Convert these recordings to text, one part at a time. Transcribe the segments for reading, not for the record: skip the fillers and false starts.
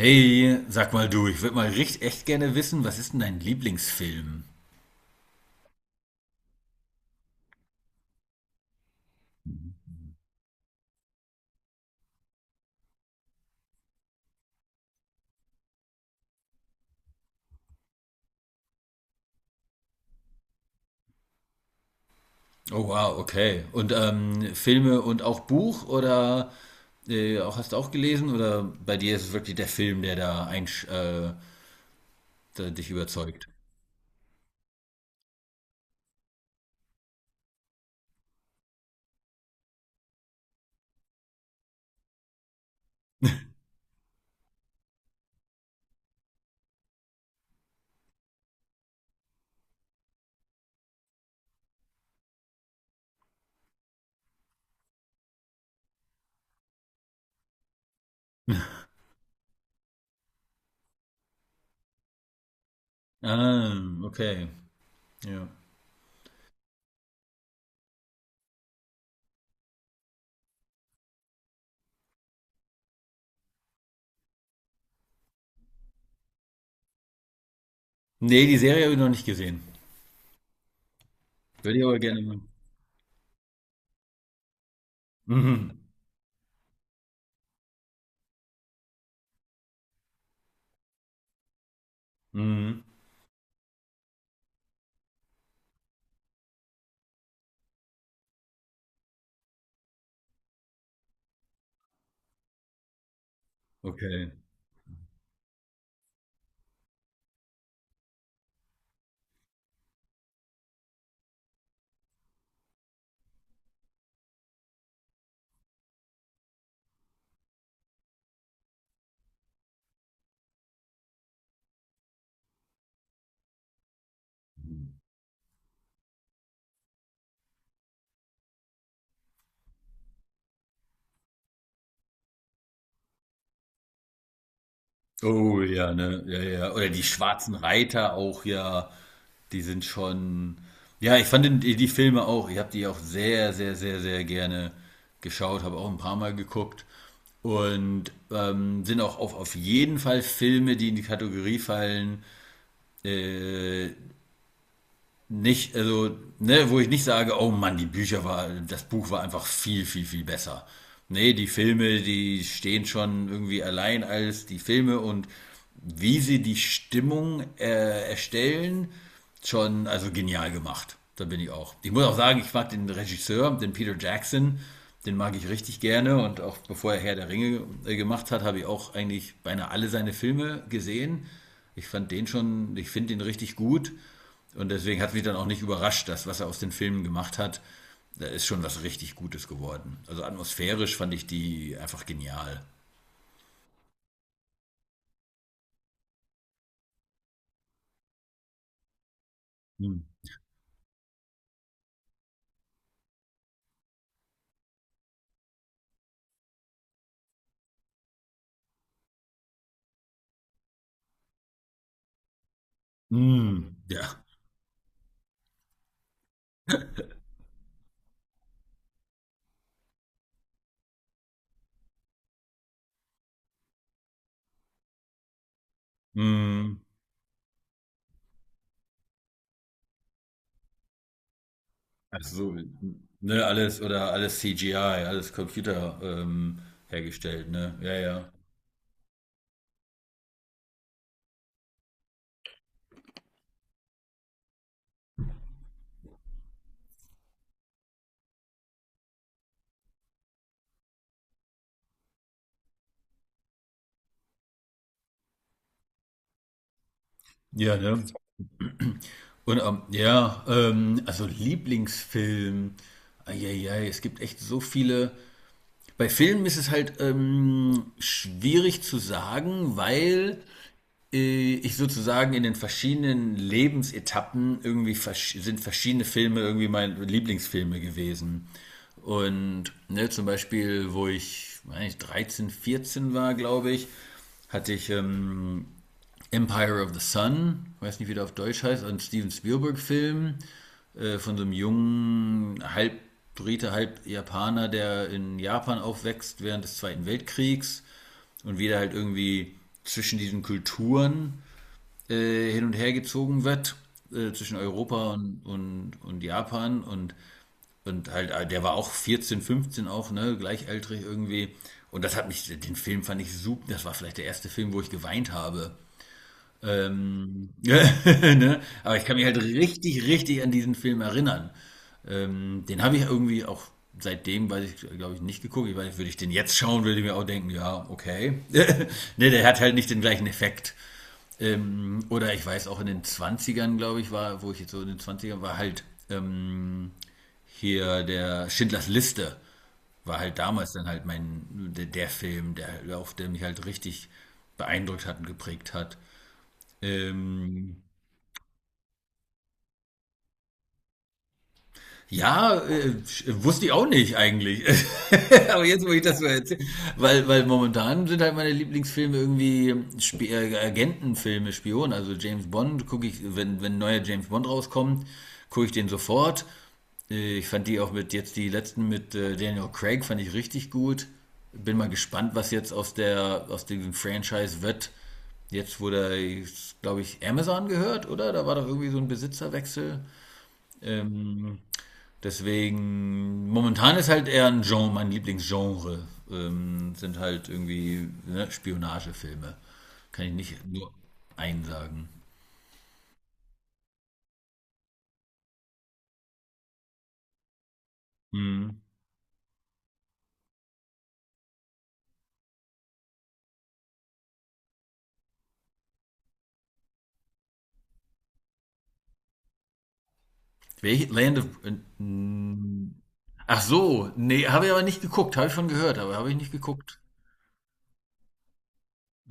Hey, sag mal du, ich würde mal richtig echt gerne wissen, was ist denn dein Lieblingsfilm? Oh wow, okay. Und Filme und auch Buch oder auch hast du auch gelesen oder bei dir ist es wirklich der Film, der da einsch der dich überzeugt? Ah, okay. Ja. Nee, die Serie habe ich noch nicht gesehen. Würde ich aber gerne mal. Mhm. Mhm. Okay. Oh ja, ne? Ja, ja. Oder die schwarzen Reiter auch, ja. Die sind schon. Ja, ich fand die Filme auch, ich habe die auch sehr, sehr, sehr, sehr gerne geschaut, habe auch ein paar Mal geguckt. Und sind auch auf jeden Fall Filme, die in die Kategorie fallen, äh, nicht, also, ne, wo ich nicht sage, oh Mann, die Bücher war, das Buch war einfach viel, viel, viel besser. Nee, die Filme, die stehen schon irgendwie allein als die Filme und wie sie die Stimmung erstellen, schon, also genial gemacht. Da bin ich auch. Ich muss auch sagen, ich mag den Regisseur, den Peter Jackson, den mag ich richtig gerne und auch bevor er Herr der Ringe gemacht hat, habe ich auch eigentlich beinahe alle seine Filme gesehen. Ich fand den schon, ich finde den richtig gut. Und deswegen hat es mich dann auch nicht überrascht, dass was er aus den Filmen gemacht hat, da ist schon was richtig Gutes geworden. Also atmosphärisch fand ich die einfach genial. Mm. Mm. Ja. Mm. Also, ne, alles oder alles CGI, alles Computer hergestellt, ne? Ja, ja. Ja, ne? Und ja, also Lieblingsfilm. Eieiei, es gibt echt so viele. Bei Filmen ist es halt schwierig zu sagen, weil ich sozusagen in den verschiedenen Lebensetappen irgendwie verschiedene Filme irgendwie meine Lieblingsfilme gewesen. Und ne, zum Beispiel, wo ich, weiß nicht, 13, 14 war, glaube ich, hatte ich Empire of the Sun, weiß nicht, wie der auf Deutsch heißt, ein Steven Spielberg-Film von so einem jungen, halb Brite, halb Japaner, der in Japan aufwächst während des Zweiten Weltkriegs und wieder halt irgendwie zwischen diesen Kulturen hin und her gezogen wird, zwischen Europa und Japan und halt, der war auch 14, 15 auch, ne, gleichaltrig irgendwie. Und das hat mich, den Film fand ich super, das war vielleicht der erste Film, wo ich geweint habe. Ne? Aber ich kann mich halt richtig, richtig an diesen Film erinnern. Den habe ich irgendwie auch seitdem, weiß ich, glaube ich, nicht geguckt. Ich weiß, würde ich den jetzt schauen, würde ich mir auch denken, ja, okay. Ne, der hat halt nicht den gleichen Effekt. Oder ich weiß auch in den Zwanzigern, glaube ich, war, wo ich jetzt so in den Zwanzigern war, halt ähm, hier der Schindlers Liste war halt damals dann halt mein, der, der Film, der, auf der mich halt richtig beeindruckt hat und geprägt hat. Ähm, Ja, wusste ich auch nicht eigentlich. Aber jetzt, wo ich das so erzähle, weil momentan sind halt meine Lieblingsfilme irgendwie Sp Agentenfilme, Spionen. Also James Bond gucke ich, wenn ein neuer James Bond rauskommt, gucke ich den sofort. Ich fand die auch mit, jetzt die letzten mit Daniel Craig fand ich richtig gut. Bin mal gespannt, was jetzt aus der, aus diesem Franchise wird. Jetzt wurde, glaube ich, Amazon gehört, oder? Da war doch irgendwie so ein Besitzerwechsel. Ähm, Deswegen, momentan ist halt eher ein Genre, mein Lieblingsgenre, sind halt irgendwie ne, Spionagefilme. Kann ich nicht nur einen sagen. Hm. Welche Land of... hm. Ach so, nee, habe ich aber nicht geguckt, habe ich schon gehört, aber habe ich nicht geguckt.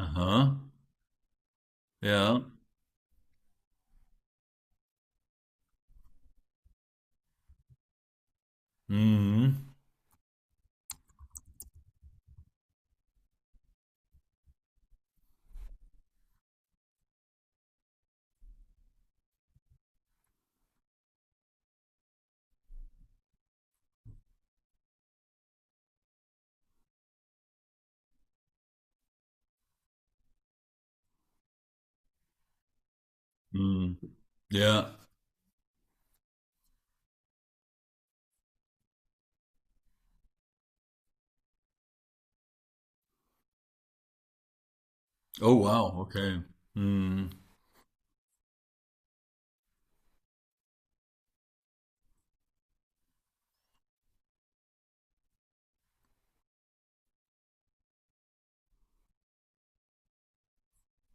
Aha, ja. Mhm. Mhm. Ja. Oh wow, okay. Mhm.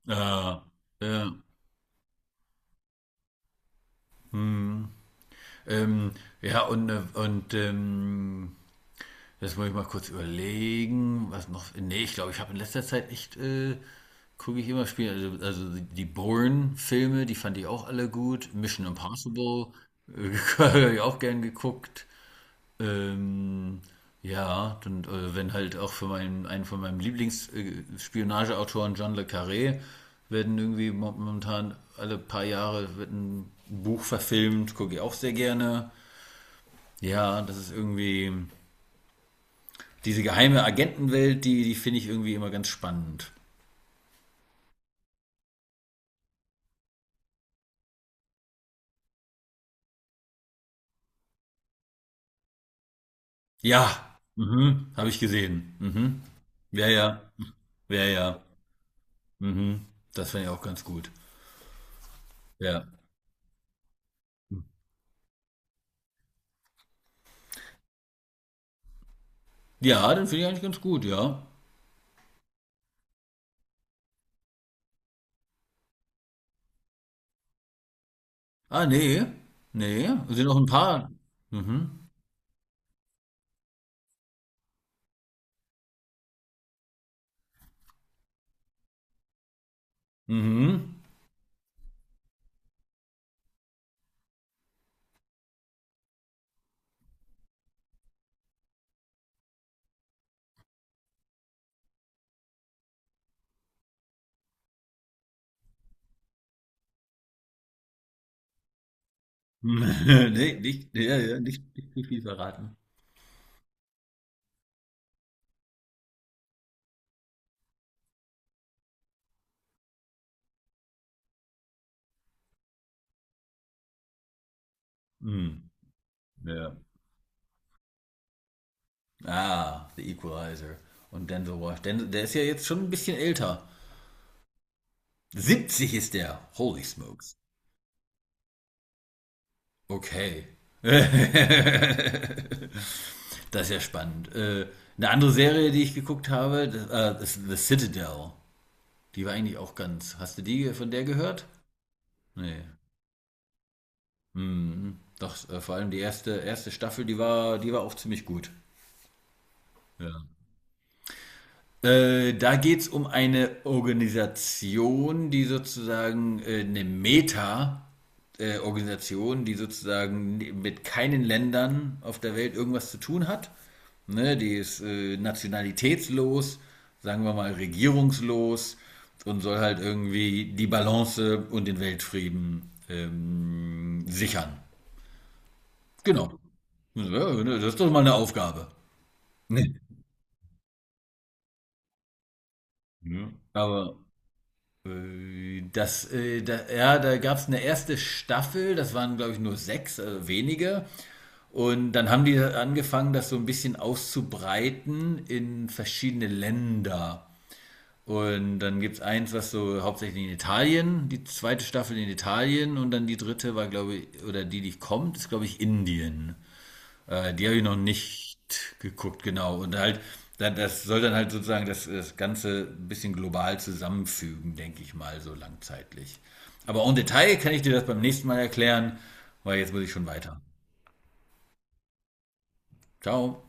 Ah, ja. Mhm. Ähm, ja, und jetzt muss ich mal kurz überlegen, was noch. Nee, ich glaube, ich habe in letzter Zeit echt, gucke ich immer Spiele. Also die Bourne-Filme, die fand ich auch alle gut. Mission Impossible, habe ich auch gern geguckt. Ähm, ja, dann, wenn halt auch für meinen, einen von meinem Lieblingsspionageautoren John Le Carré werden irgendwie momentan alle paar Jahre wird ein Buch verfilmt, gucke ich auch sehr gerne. Ja, das ist irgendwie. Diese geheime Agentenwelt, die finde ich irgendwie immer ganz spannend. Ja, mhm, habe ich gesehen. Mhm. Ja, ja, ja, ja. Mhm. Das finde ich auch ganz gut. Ja. Ja, den finde ich eigentlich ganz gut, ja. Ah, nee. Nee, es sind noch ein paar. Mhm. Mhm. Nee, nicht, ja, ja, nicht, nicht zu viel verraten. Mhm. Ja. Ah, The Equalizer. Und Denzel Washington. Den- Der ist ja jetzt schon ein bisschen älter. 70 ist der. Holy smokes. Okay. Das ist ja spannend. Eine andere Serie, die ich geguckt habe, das, das ist The Citadel. Die war eigentlich auch ganz. Hast du die von der gehört? Nee. Hm, doch, vor allem die erste Staffel, die war auch ziemlich gut. Ja. Da geht es um eine Organisation, die sozusagen eine Meta-Organisation, die sozusagen mit keinen Ländern auf der Welt irgendwas zu tun hat. Ne, die ist nationalitätslos, sagen wir mal regierungslos und soll halt irgendwie die Balance und den Weltfrieden sichern. Genau. Ja, ne, das ist doch mal eine Aufgabe. Ja. Aber ja, da gab es eine erste Staffel, das waren, glaube ich, nur sechs, also wenige. Und dann haben die angefangen, das so ein bisschen auszubreiten in verschiedene Länder. Und dann gibt es eins, was so hauptsächlich in Italien, die zweite Staffel in Italien und dann die dritte war, glaube ich, oder die kommt, ist, glaube ich, Indien. Die habe ich noch nicht geguckt, genau. Und halt, das soll dann halt sozusagen das, das Ganze ein bisschen global zusammenfügen, denke ich mal, so langzeitlich. Aber en Detail kann ich dir das beim nächsten Mal erklären, weil jetzt muss ich schon weiter. Ciao.